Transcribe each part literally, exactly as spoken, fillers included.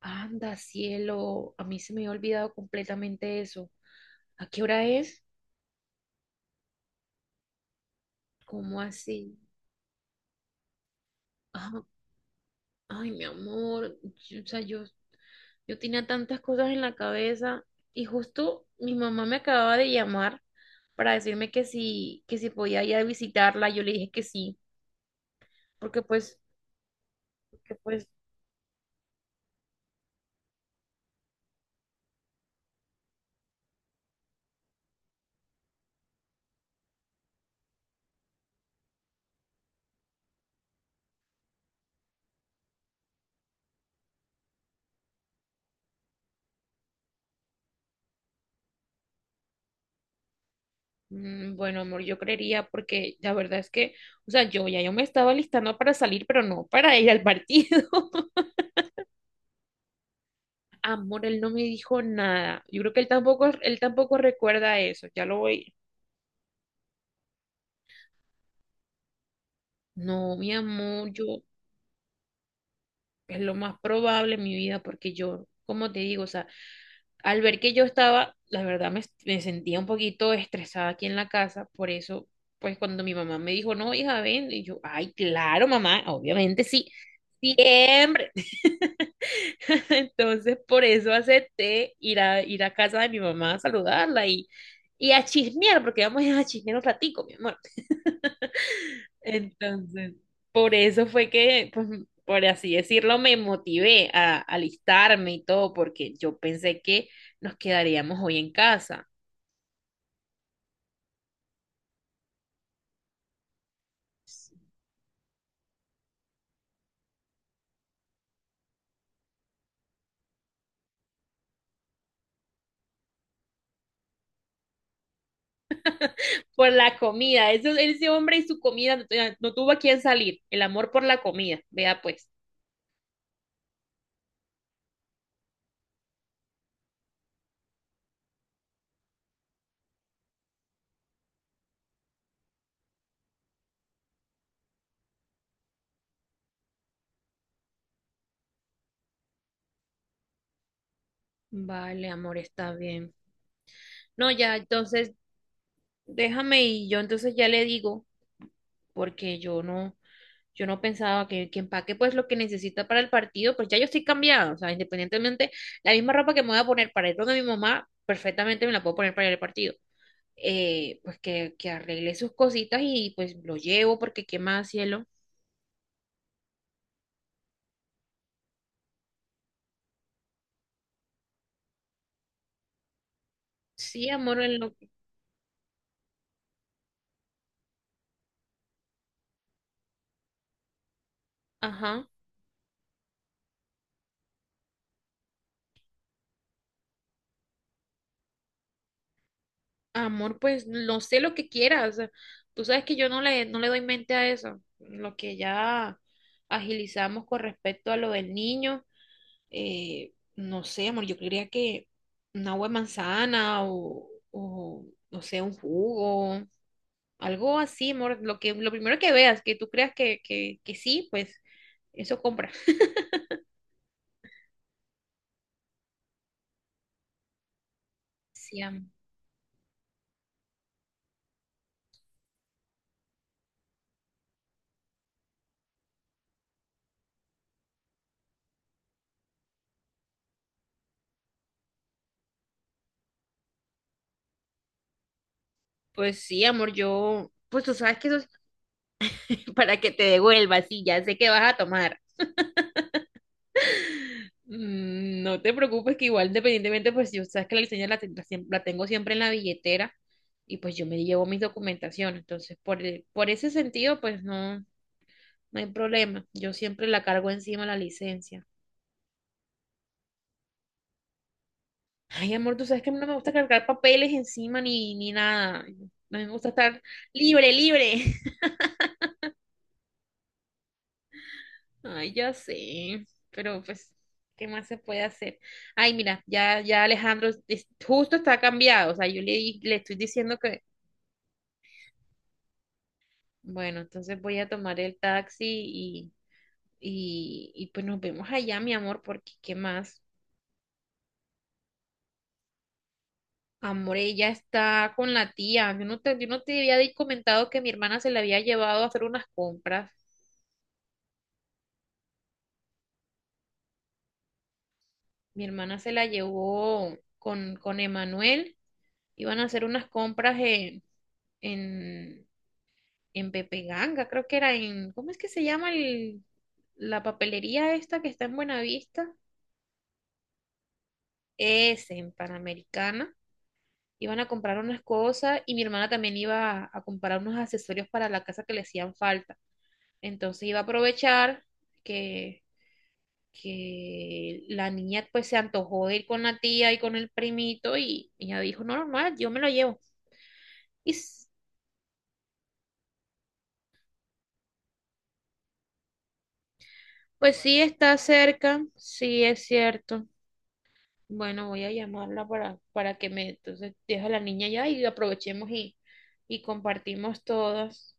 Anda, cielo, a mí se me había olvidado completamente eso. ¿A qué hora es? ¿Cómo así? Ah, ay, mi amor, yo- o sea, yo, yo tenía tantas cosas en la cabeza y justo mi mamá me acababa de llamar para decirme que si, que si podía ir a visitarla, yo le dije que sí, porque pues, que pues, mm, bueno, amor, yo creería porque la verdad es que, o sea, yo ya yo me estaba listando para salir, pero no para ir al partido. Amor, él no me dijo nada. Yo creo que él tampoco, él tampoco recuerda eso. Ya lo voy. No, mi amor, yo es lo más probable en mi vida porque yo, como te digo, o sea, al ver que yo estaba, la verdad me, me sentía un poquito estresada aquí en la casa. Por eso, pues cuando mi mamá me dijo, no, hija, ven, y yo, ay, claro, mamá, obviamente sí. Siempre. Entonces, por eso acepté ir a, ir a casa de mi mamá a saludarla y, y a chismear, porque vamos a chismear un ratico, mi amor. Entonces, por eso fue que, pues, por así decirlo, me motivé a alistarme y todo, porque yo pensé que nos quedaríamos hoy en casa. Por la comida, eso, ese hombre y su comida no, tenía- no tuvo a quién salir. El amor por la comida, vea pues. Vale, amor, está bien. No, ya, entonces déjame y yo entonces ya le digo, porque yo no, yo no pensaba que, que empaque pues lo que necesita para el partido, pues ya yo estoy cambiada, o sea, independientemente, la misma ropa que me voy a poner para ir donde mi mamá, perfectamente me la puedo poner para ir al partido. Eh, pues que, que arregle sus cositas y pues lo llevo porque qué más, cielo. Sí, amor, en lo… Ajá, amor, pues no sé lo que quieras. Tú sabes que yo no le, no le doy mente a eso, lo que ya agilizamos con respecto a lo del niño. Eh, no sé, amor, yo creería que un agua de manzana o, o, no sé, un jugo, algo así, amor, lo que, lo primero que veas, que tú creas que, que, que sí, pues eso compra. Sí, am- Pues sí, amor, yo, pues tú sabes que eso es para que te devuelvas, sí, ya sé que vas a tomar. Mm, No te preocupes que igual independientemente, pues yo sabes que la licencia la, ten- la siem- la tengo siempre en la billetera y pues yo me llevo mis documentaciones. Entonces, por, el- por ese sentido, pues no, no hay problema. Yo siempre la cargo encima la licencia. Ay, amor, tú sabes que a mí no me gusta cargar papeles encima ni, ni nada. A mí me gusta estar libre, libre. Ay, ya sé. Pero pues, ¿qué más se puede hacer? Ay, mira, ya, ya Alejandro es- justo está cambiado. O sea, yo le, le estoy diciendo que, bueno, entonces voy a tomar el taxi y, y, y pues nos vemos allá, mi amor, porque ¿qué más? Amore ya está con la tía. Yo no te, yo no te había di- comentado que mi hermana se la había llevado a hacer unas compras. Mi hermana se la llevó con, con Emanuel. Iban a hacer unas compras en, en, en Pepe Ganga, creo que era en, ¿cómo es que se llama el, la papelería esta que está en Buenavista? Es en Panamericana. Iban a comprar unas cosas y mi hermana también iba a, a comprar unos accesorios para la casa que le hacían falta. Entonces iba a aprovechar que que la niña pues se antojó de ir con la tía y con el primito y y ella dijo, no, normal, yo me lo llevo. Y s- pues sí está cerca, sí es cierto. Bueno, voy a llamarla para, para que me, entonces deja a la niña ya y aprovechemos y, y compartimos todas.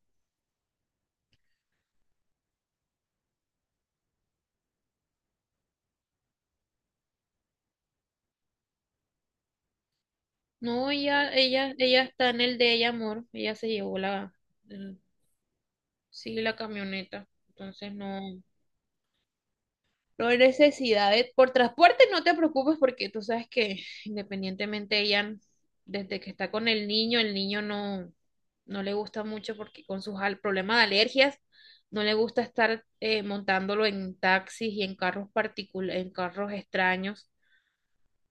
No, ella, ella, ella está en el de ella, amor. Ella se llevó la, eh, sí, la camioneta. Entonces no. No hay necesidad de… Por transporte no te preocupes porque tú sabes que independientemente ella, desde que está con el niño, el niño no, no le gusta mucho porque con sus al- problemas de alergias, no le gusta estar eh, montándolo en taxis y en carros particulares, en carros extraños,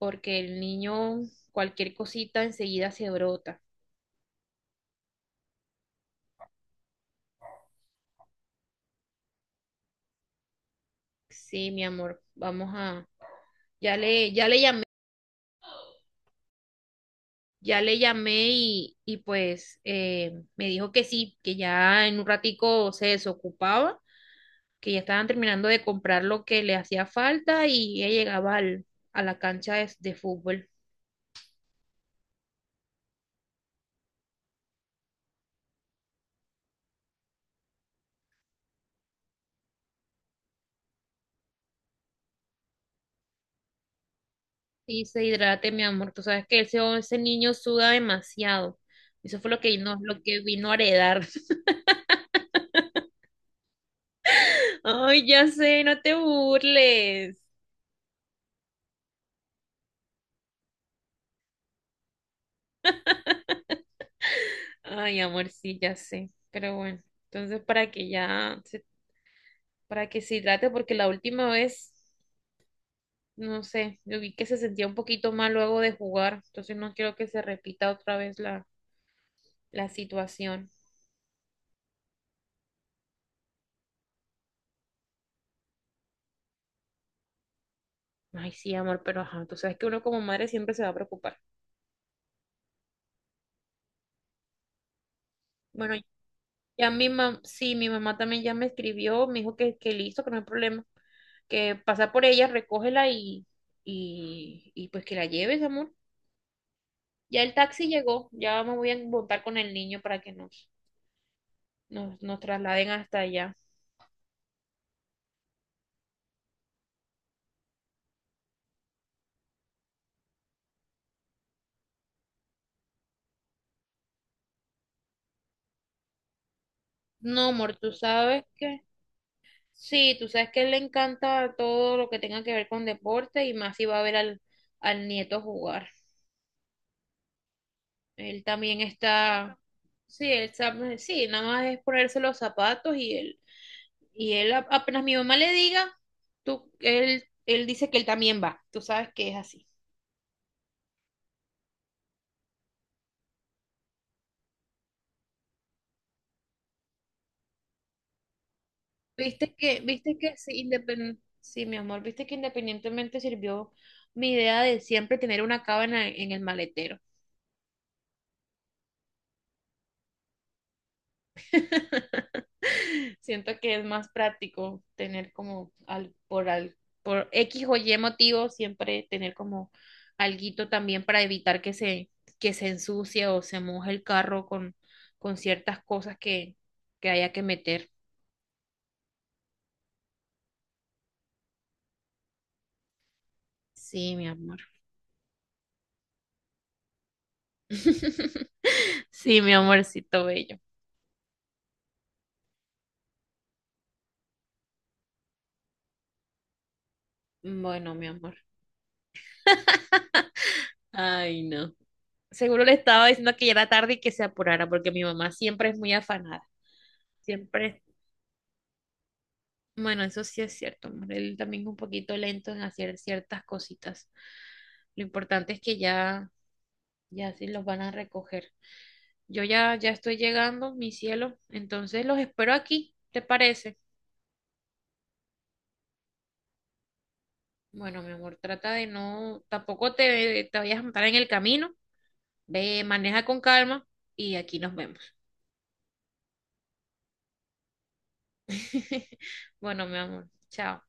porque el niño cualquier cosita enseguida se brota. Sí, mi amor, vamos a… Ya le, ya le llamé. Ya le llamé y, y pues eh, me dijo que sí, que ya en un ratico se desocupaba, que ya estaban terminando de comprar lo que le hacía falta y ella llegaba al- a la cancha de, de fútbol. Y se hidrate, mi amor. Tú sabes que ese, ese niño suda demasiado. Eso fue lo que vino, lo que vino a heredar. Ay, ya sé, no te burles. Ay, amor, sí, ya sé. Pero bueno, entonces para que ya, se- para que se hidrate, porque la última vez… no sé, yo vi que se sentía un poquito mal luego de jugar, entonces no quiero que se repita otra vez la, la situación. Ay, sí, amor, pero ajá, tú sabes que uno como madre siempre se va a preocupar. Bueno, ya mi mamá, sí, mi mamá también ya me escribió, me dijo que, que listo, que no hay problema, que pasa por ella, recógela y, y, y pues que la lleves, amor. Ya el taxi llegó, ya me voy a montar con el niño para que nos, nos, nos trasladen hasta allá. No, amor, tú sabes que… Sí, tú sabes que a él le encanta todo lo que tenga que ver con deporte y más si va a ver al, al nieto jugar. Él también está, sí, él sabe, sí, nada más es ponerse los zapatos y él, y él a- apenas mi mamá le diga, tú, él, él dice que él también va. Tú sabes que es así. Viste que, viste que sí, independ- sí, mi amor, viste que independientemente sirvió mi idea de siempre tener una cábana en el maletero. Siento que es más práctico tener como al, por al, por X o Y motivo, siempre tener como alguito también para evitar que se, que se ensucie o se moje el carro con, con ciertas cosas que, que haya que meter. Sí, mi amor. Sí, mi amorcito bello. Bueno, mi amor. Ay, no. Seguro le estaba diciendo que ya era tarde y que se apurara, porque mi mamá siempre es muy afanada. Siempre bueno, eso sí es cierto, amor. Él también es un poquito lento en hacer ciertas cositas. Lo importante es que ya, ya sí los van a recoger. Yo ya, ya estoy llegando, mi cielo. Entonces los espero aquí, ¿te parece? Bueno, mi amor, trata de no, tampoco te, te vayas a matar en el camino. Ve, maneja con calma y aquí nos vemos. Bueno, mi amor, chao.